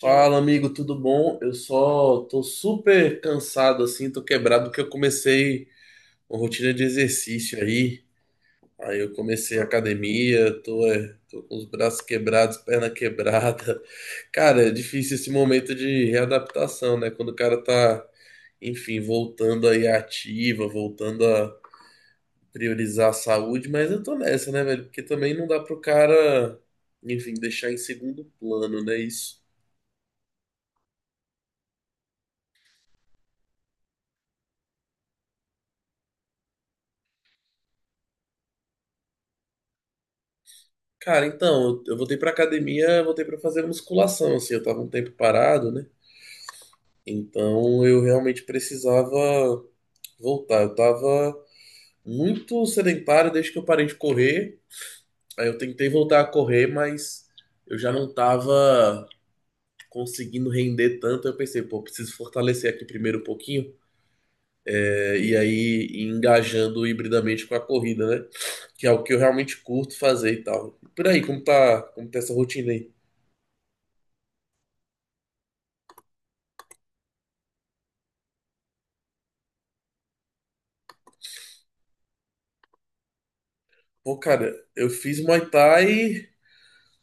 Fala, amigo, tudo bom? Eu só tô super cansado assim, tô quebrado porque eu comecei uma rotina de exercício aí. Aí eu comecei a academia, tô com os braços quebrados, perna quebrada. Cara, é difícil esse momento de readaptação, né? Quando o cara tá, enfim, voltando aí à ativa, voltando a priorizar a saúde, mas eu tô nessa, né, velho? Porque também não dá pro cara, enfim, deixar em segundo plano, né? Isso. Cara, então, eu voltei pra academia, voltei pra fazer musculação, assim, eu tava um tempo parado, né? Então eu realmente precisava voltar. Eu tava muito sedentário desde que eu parei de correr. Aí eu tentei voltar a correr, mas eu já não tava conseguindo render tanto. Eu pensei, pô, preciso fortalecer aqui primeiro um pouquinho. E aí ir engajando hibridamente com a corrida, né? Que é o que eu realmente curto fazer e tal. E por aí, como tá essa rotina aí? Pô, cara, eu fiz Muay Thai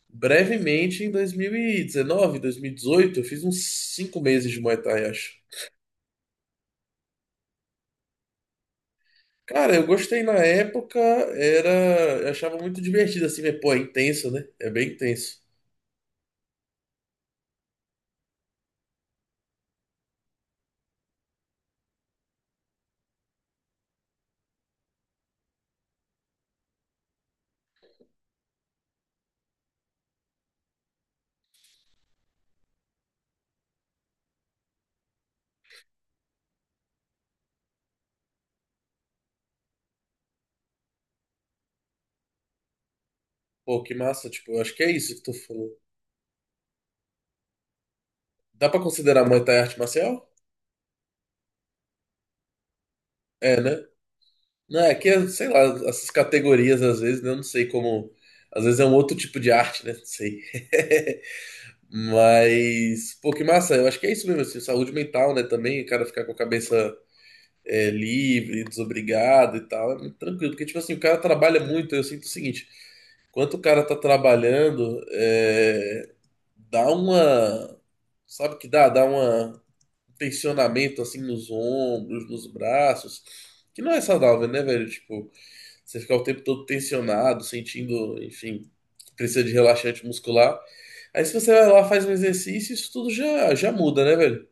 brevemente em 2019, 2018. Eu fiz uns 5 meses de Muay Thai, acho. Cara, eu gostei na época, era. Eu achava muito divertido, assim, mas, pô, é intenso, né? É bem intenso. Pô, que massa, tipo, eu acho que é isso que tu falou. Dá pra considerar Muay Thai arte marcial? É, né? Não, é que, é, sei lá, essas categorias às vezes, né? Eu não sei como. Às vezes é um outro tipo de arte, né? Não sei. Mas, pô, que massa, eu acho que é isso mesmo, assim, saúde mental, né, também, o cara ficar com a cabeça livre, desobrigado e tal, é muito tranquilo, porque, tipo assim, o cara trabalha muito, eu sinto o seguinte, enquanto o cara tá trabalhando, dá uma, sabe o que dá? Dá uma tensionamento assim nos ombros, nos braços, que não é saudável, né, velho? Tipo, você ficar o tempo todo tensionado, sentindo, enfim, que precisa de relaxante muscular. Aí se você vai lá, faz um exercício, isso tudo já muda, né, velho?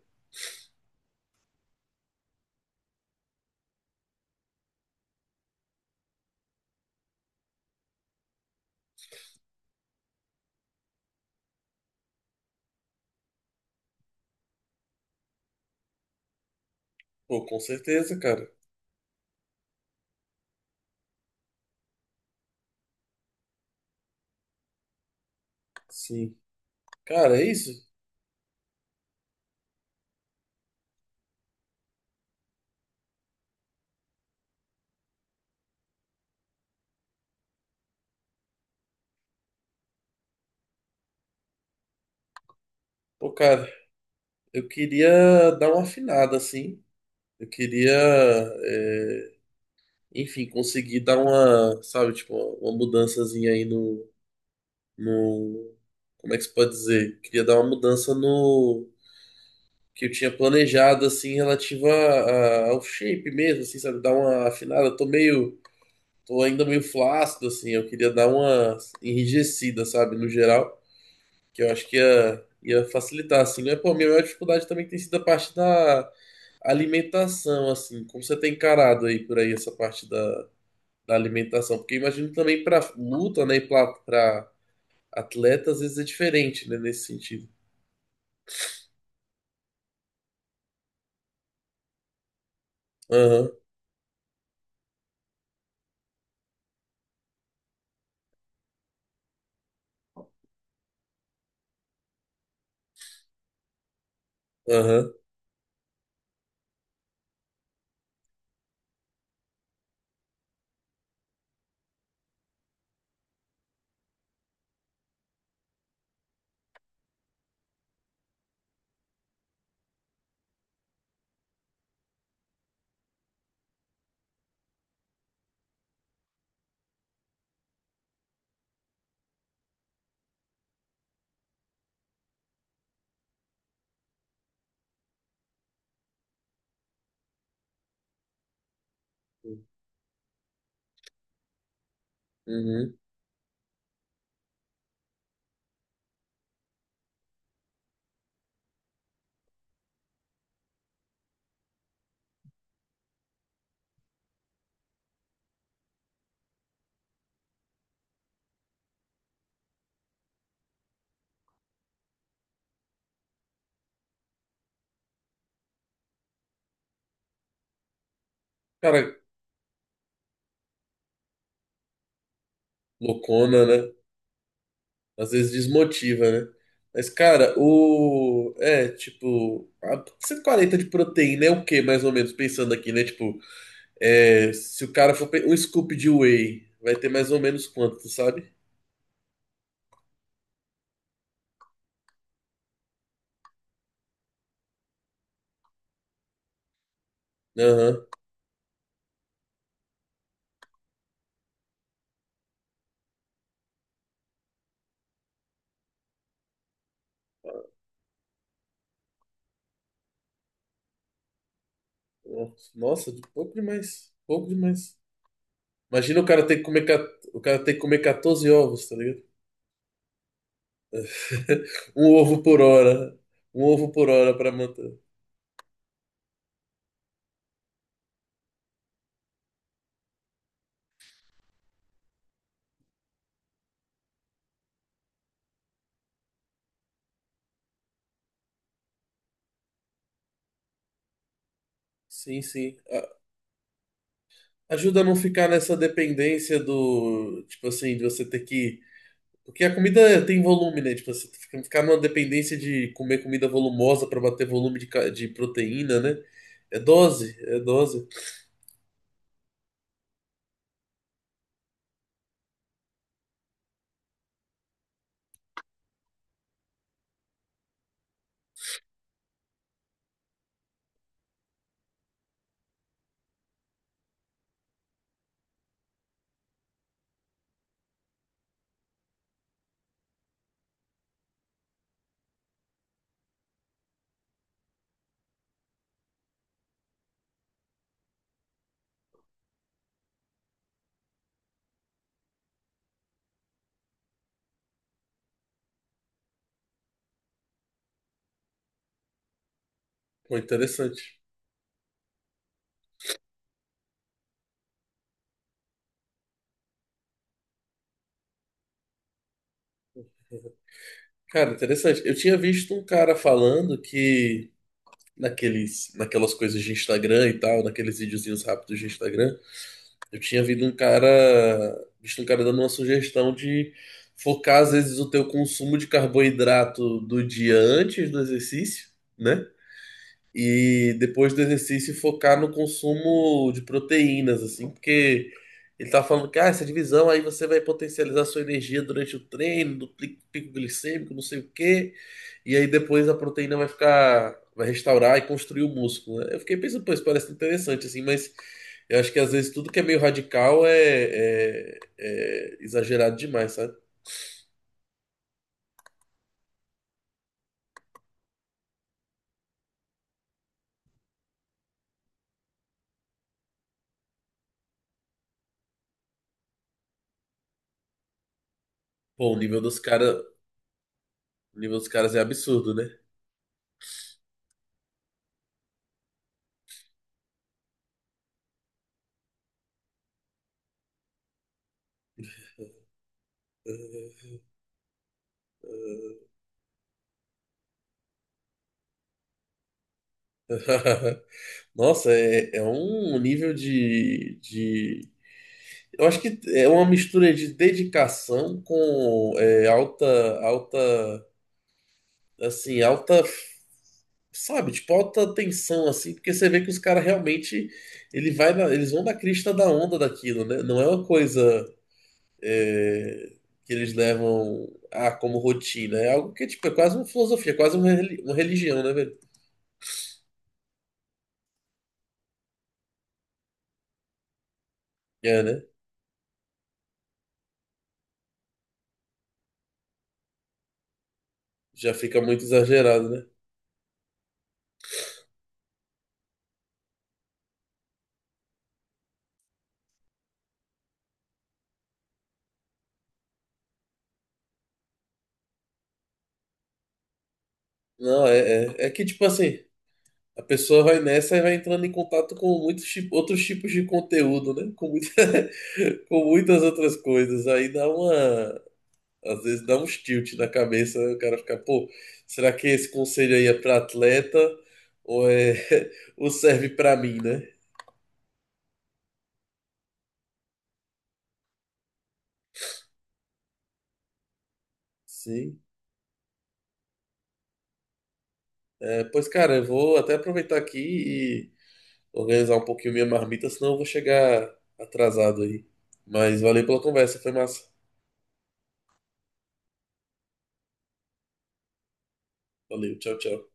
Pô, com certeza, cara. Sim. Cara, é isso? Pô, cara, eu queria dar uma afinada, assim. Eu queria, é, enfim, conseguir dar uma, sabe, tipo, uma mudançazinha aí no, como é que se pode dizer? Queria dar uma mudança no que eu tinha planejado, assim, relativa ao shape mesmo, assim, sabe? Dar uma afinada. Eu tô ainda meio flácido, assim. Eu queria dar uma enrijecida, sabe? No geral, que eu acho que ia facilitar, assim. Mas, pô, a minha maior dificuldade também tem sido a parte da alimentação, assim. Como você tem encarado aí por aí essa parte da alimentação? Porque eu imagino também pra luta, né? E pra atleta às vezes é diferente, né, nesse sentido. Aham, aham. Uhum. Cara, loucona, né? Às vezes desmotiva, né? Mas, cara, o. É, tipo. 140 de proteína é o quê, mais ou menos? Pensando aqui, né? Tipo, é, se o cara for. Pe- Um scoop de whey, vai ter mais ou menos quanto, tu sabe? Aham. Nossa, pouco demais. Pouco demais. Imagina o cara ter que comer. O cara ter que comer 14 ovos, tá ligado? Um ovo por hora. Um ovo por hora pra manter. Sim, sim. Ajuda a não ficar nessa dependência do, tipo assim, de você ter que. Porque a comida tem volume, né? Tipo, assim, você ficar numa dependência de comer comida volumosa pra bater volume de proteína, né? É dose, é dose. Pô, interessante. Cara, interessante. Eu tinha visto um cara falando que naqueles, naquelas coisas de Instagram e tal, naqueles videozinhos rápidos de Instagram. Eu tinha visto um cara dando uma sugestão de focar às vezes o teu consumo de carboidrato do dia antes do exercício, né? E depois do exercício focar no consumo de proteínas, assim, porque ele tá falando que ah, essa divisão aí você vai potencializar sua energia durante o treino, do pico glicêmico, não sei o quê, e aí depois a proteína vai restaurar e construir o músculo, né? Eu fiquei pensando, pô, isso parece interessante, assim, mas eu acho que às vezes tudo que é meio radical é exagerado demais, sabe? Pô, o nível dos caras é absurdo, né? Nossa, é um nível de. Eu acho que é uma mistura de dedicação com alta, alta, assim, alta, sabe, tipo, alta tensão, assim, porque você vê que os caras realmente, eles vão na crista da onda daquilo, né? Não é uma coisa é, que eles levam ah, como rotina, é algo que, tipo, é quase uma filosofia, é quase uma religião, né, velho? É, né? Já fica muito exagerado, né? Não, é que, tipo assim. A pessoa vai nessa e vai entrando em contato com muitos outros tipos de conteúdo, né? Com muitas outras coisas. Aí dá uma. Às vezes dá uns tilt na cabeça, né? O cara fica, pô, será que esse conselho aí é pra atleta ou é ou serve pra mim, né? Sim. Pois, cara, eu vou até aproveitar aqui e organizar um pouquinho minha marmita, senão eu vou chegar atrasado aí. Mas valeu pela conversa, foi massa. Valeu, tchau, tchau.